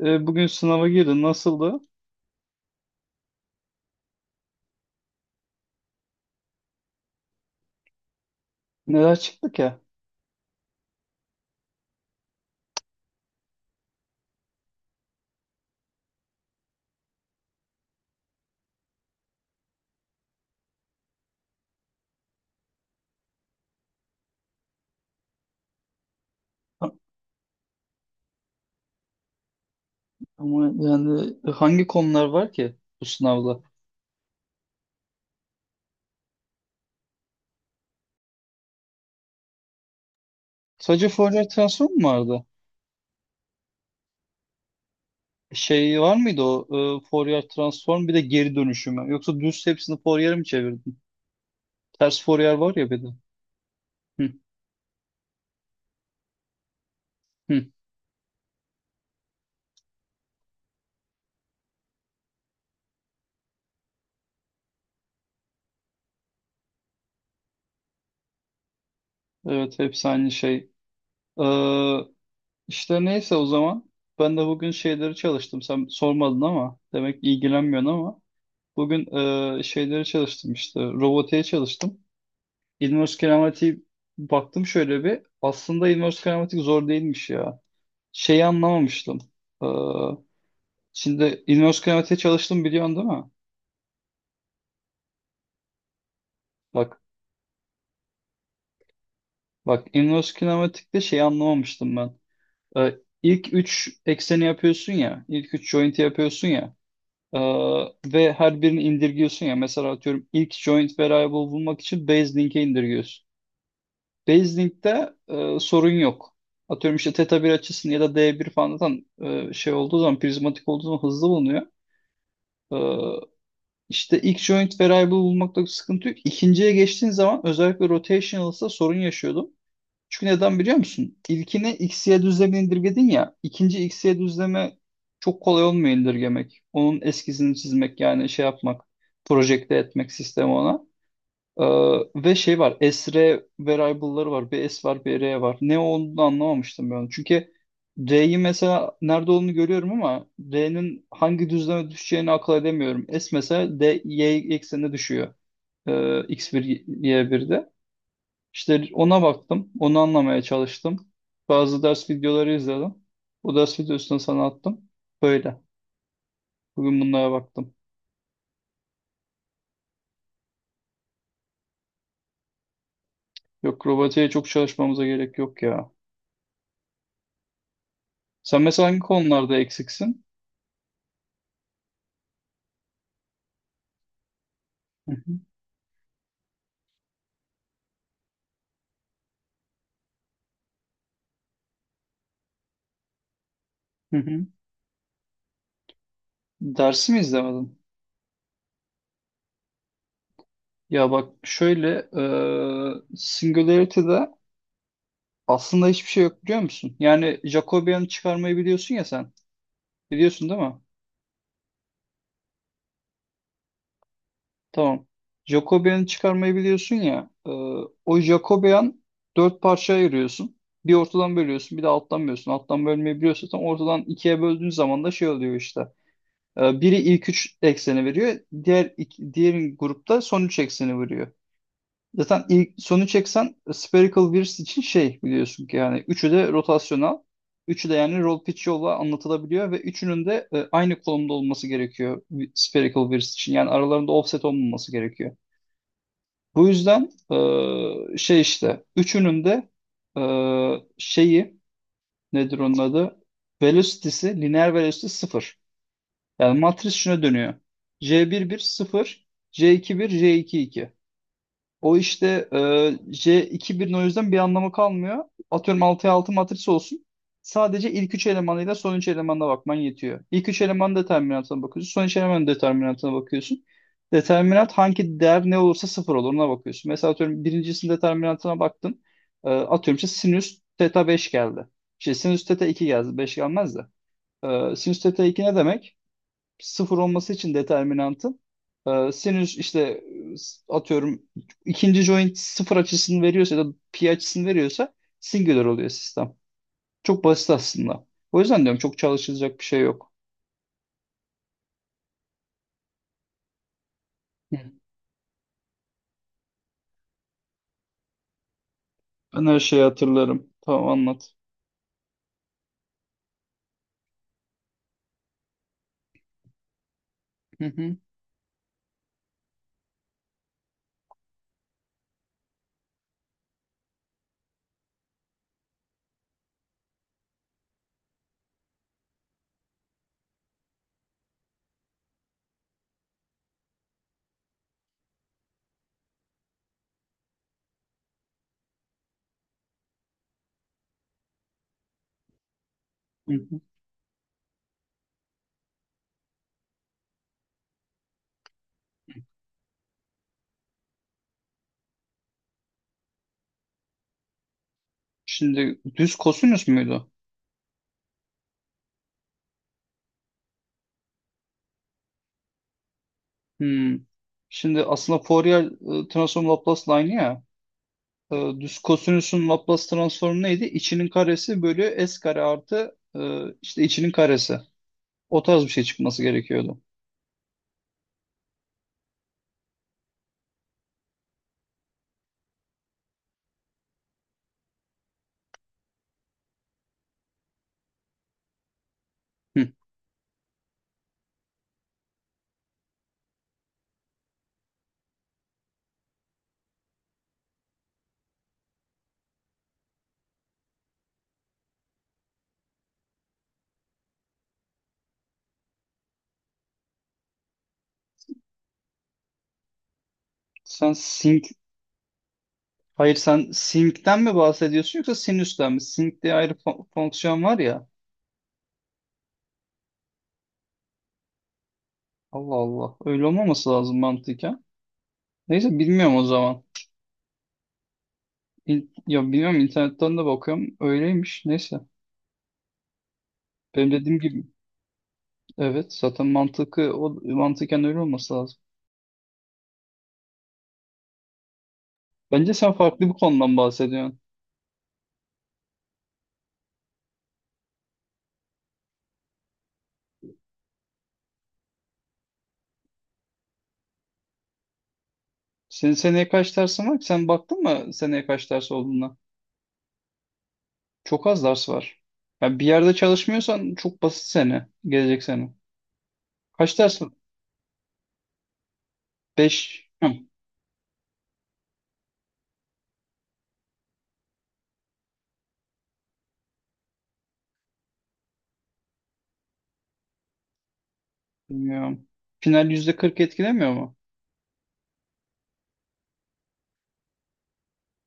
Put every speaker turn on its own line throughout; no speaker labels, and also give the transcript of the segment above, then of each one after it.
Bugün sınava girdin. Nasıldı? Neler çıktı ki? Ha- Ama yani hangi konular var ki bu sınavda? Sadece Fourier transform mu vardı? Şey var mıydı o Fourier transform bir de geri dönüşümü? Yoksa düz hepsini Fourier'e mi çevirdin? Ters Fourier var ya bir de. Hı, hı. Evet, hepsi aynı şey. Ee, işte neyse o zaman. Ben de bugün şeyleri çalıştım. Sen sormadın ama demek ilgilenmiyorsun ama. Bugün şeyleri çalıştım işte. Robotiğe çalıştım. İlmiyoruz Keramatiği baktım şöyle bir. Aslında İlmiyoruz Keramatik zor değilmiş ya. Şeyi anlamamıştım. Ee, Şimdi İlmiyoruz Keramatik'e çalıştım, biliyorsun değil mi? Bak, bak İlmiyoruz Keramatik'te şeyi anlamamıştım ben. İlk 3 ekseni yapıyorsun ya. İlk 3 joint'i yapıyorsun ya. Ee, Ve her birini indirgiyorsun ya. Mesela atıyorum ilk joint variable bulmak için base link'e indirgiyorsun. Baseling'de sorun yok. Atıyorum işte teta bir açısını ya da d bir falan, zaten şey olduğu zaman, prizmatik olduğu zaman hızlı bulunuyor. E, işte ilk joint variable bulmakta sıkıntı yok. İkinciye geçtiğin zaman özellikle rotational'sa sorun yaşıyordum. Çünkü neden biliyor musun? İlkini x'ye düzlemini indirgedin ya. İkinci x'ye düzleme çok kolay olmuyor indirgemek. Onun eskizini çizmek, yani şey yapmak. Projekte etmek sistemi ona. Ee, Ve şey var. Esre variable'ları var. Bir S var, bir R var. Ne olduğunu anlamamıştım ben. Çünkü R'yi mesela nerede olduğunu görüyorum ama R'nin hangi düzleme düşeceğini akıl edemiyorum. S mesela D, Y eksenine düşüyor. Ee, X1, Y1'de. İşte ona baktım. Onu anlamaya çalıştım. Bazı ders videoları izledim. O ders videosunu sana attım. Böyle. Bugün bunlara baktım. Yok, robotiğe çok çalışmamıza gerek yok ya. Sen mesela hangi konularda eksiksin? Hı hı. Dersi mi izlemedin? Ya bak şöyle, Singularity'de aslında hiçbir şey yok, biliyor musun? Yani Jacobian'ı çıkarmayı biliyorsun ya sen. Biliyorsun değil mi? Tamam. Jacobian'ı çıkarmayı biliyorsun ya. O Jacobian dört parçaya ayırıyorsun. Bir ortadan bölüyorsun, bir de alttan bölüyorsun. Alttan bölmeyi biliyorsun. Tam ortadan ikiye böldüğün zaman da şey oluyor işte. Biri ilk üç ekseni veriyor. Diğer grupta son üç ekseni veriyor. Zaten ilk sonu çeksen spherical Wheels için şey, biliyorsun ki yani üçü de rotasyonel. Üçü de yani roll pitch yolla anlatılabiliyor ve üçünün de aynı konumda olması gerekiyor spherical Wheels için. Yani aralarında offset olmaması gerekiyor. Bu yüzden şey işte üçünün de e, şeyi, nedir onun adı? Velocity'si, lineer velocity sıfır. Yani matris şuna dönüyor. J11 sıfır, J21, J22. O işte, J2-1'in o yüzden bir anlamı kalmıyor. Atıyorum 6'ya 6 matris olsun. Sadece ilk 3 elemanıyla son 3 elemanına bakman yetiyor. İlk 3 elemanın determinantına bakıyorsun. Son 3 elemanın determinantına bakıyorsun. Determinant hangi değer ne olursa sıfır olur, ona bakıyorsun. Mesela atıyorum birincisinin determinantına baktın. Atıyorum işte sinüs teta 5 geldi. İşte sinüs teta 2 geldi. 5 gelmez de. Sinüs teta 2 ne demek? Sıfır olması için determinantın, sinüs işte, atıyorum ikinci joint sıfır açısını veriyorsa ya da pi açısını veriyorsa singular oluyor sistem. Çok basit aslında. O yüzden diyorum çok çalışılacak bir şey yok. Hı. Ben her şeyi hatırlarım. Tamam, anlat. Hı hı. Hı hı. Şimdi düz kosinüs müydü? Hmm. Şimdi aslında Fourier transform Laplace line'ı ya. Düz kosinüsün Laplace transformu neydi? İçinin karesi bölü s kare artı işte içinin karesi. O tarz bir şey çıkması gerekiyordu. Hı. Sen sync Hayır, sen sync'ten mi bahsediyorsun yoksa sinüsten mi? Sync diye ayrı fonksiyon var ya. Allah Allah. Öyle olmaması lazım mantıken. Neyse, bilmiyorum o zaman. Ya bilmiyorum, internetten de bakıyorum. Öyleymiş. Neyse. Benim dediğim gibi. Evet, zaten mantıklı, o mantıken öyle olması lazım. Bence sen farklı bir konudan bahsediyorsun. Senin seneye kaç dersin var ki? Sen baktın mı seneye kaç ders olduğuna? Çok az ders var. Ya bir yerde çalışmıyorsan çok basit sene. Gelecek sene. Kaç ders var? 5. Bilmiyorum. Final %40 etkilemiyor mu?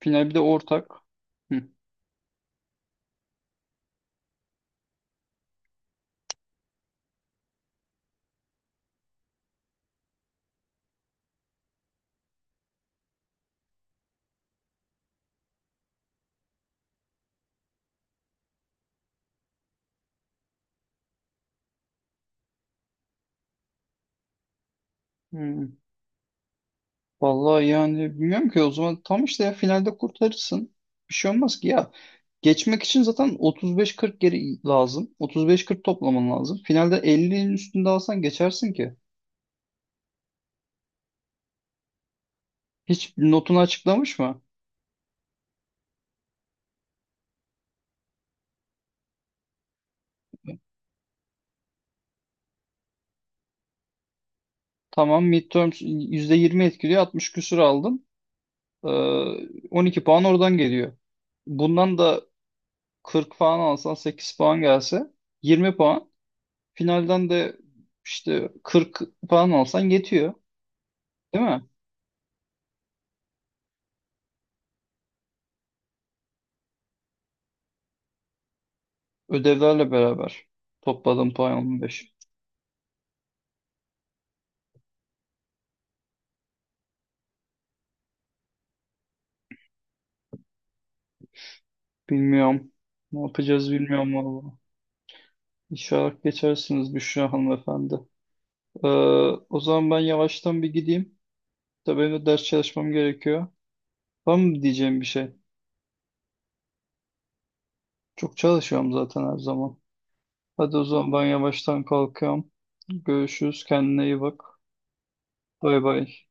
Final bir de ortak. Hı. Hı. Vallahi yani bilmiyorum ki o zaman, tam işte ya finalde kurtarırsın. Bir şey olmaz ki ya. Geçmek için zaten 35-40 geri lazım. 35-40 toplaman lazım. Finalde 50'nin üstünde alsan geçersin ki. Hiç notunu açıklamış mı? Tamam, midterms %20 etkiliyor. 60 küsur aldın. Ee, 12 puan oradan geliyor. Bundan da 40 puan alsan, 8 puan gelse, 20 puan. Finalden de işte 40 puan alsan yetiyor. Değil mi? Ödevlerle beraber topladığım puan 15. Bilmiyorum. Ne yapacağız bilmiyorum valla. İnşallah geçersiniz Büşra hanımefendi. Ee, O zaman ben yavaştan bir gideyim. Tabii benim de ders çalışmam gerekiyor. Var mı diyeceğim bir şey? Çok çalışıyorum zaten her zaman. Hadi o zaman ben yavaştan kalkıyorum. Görüşürüz. Kendine iyi bak. Bay bay.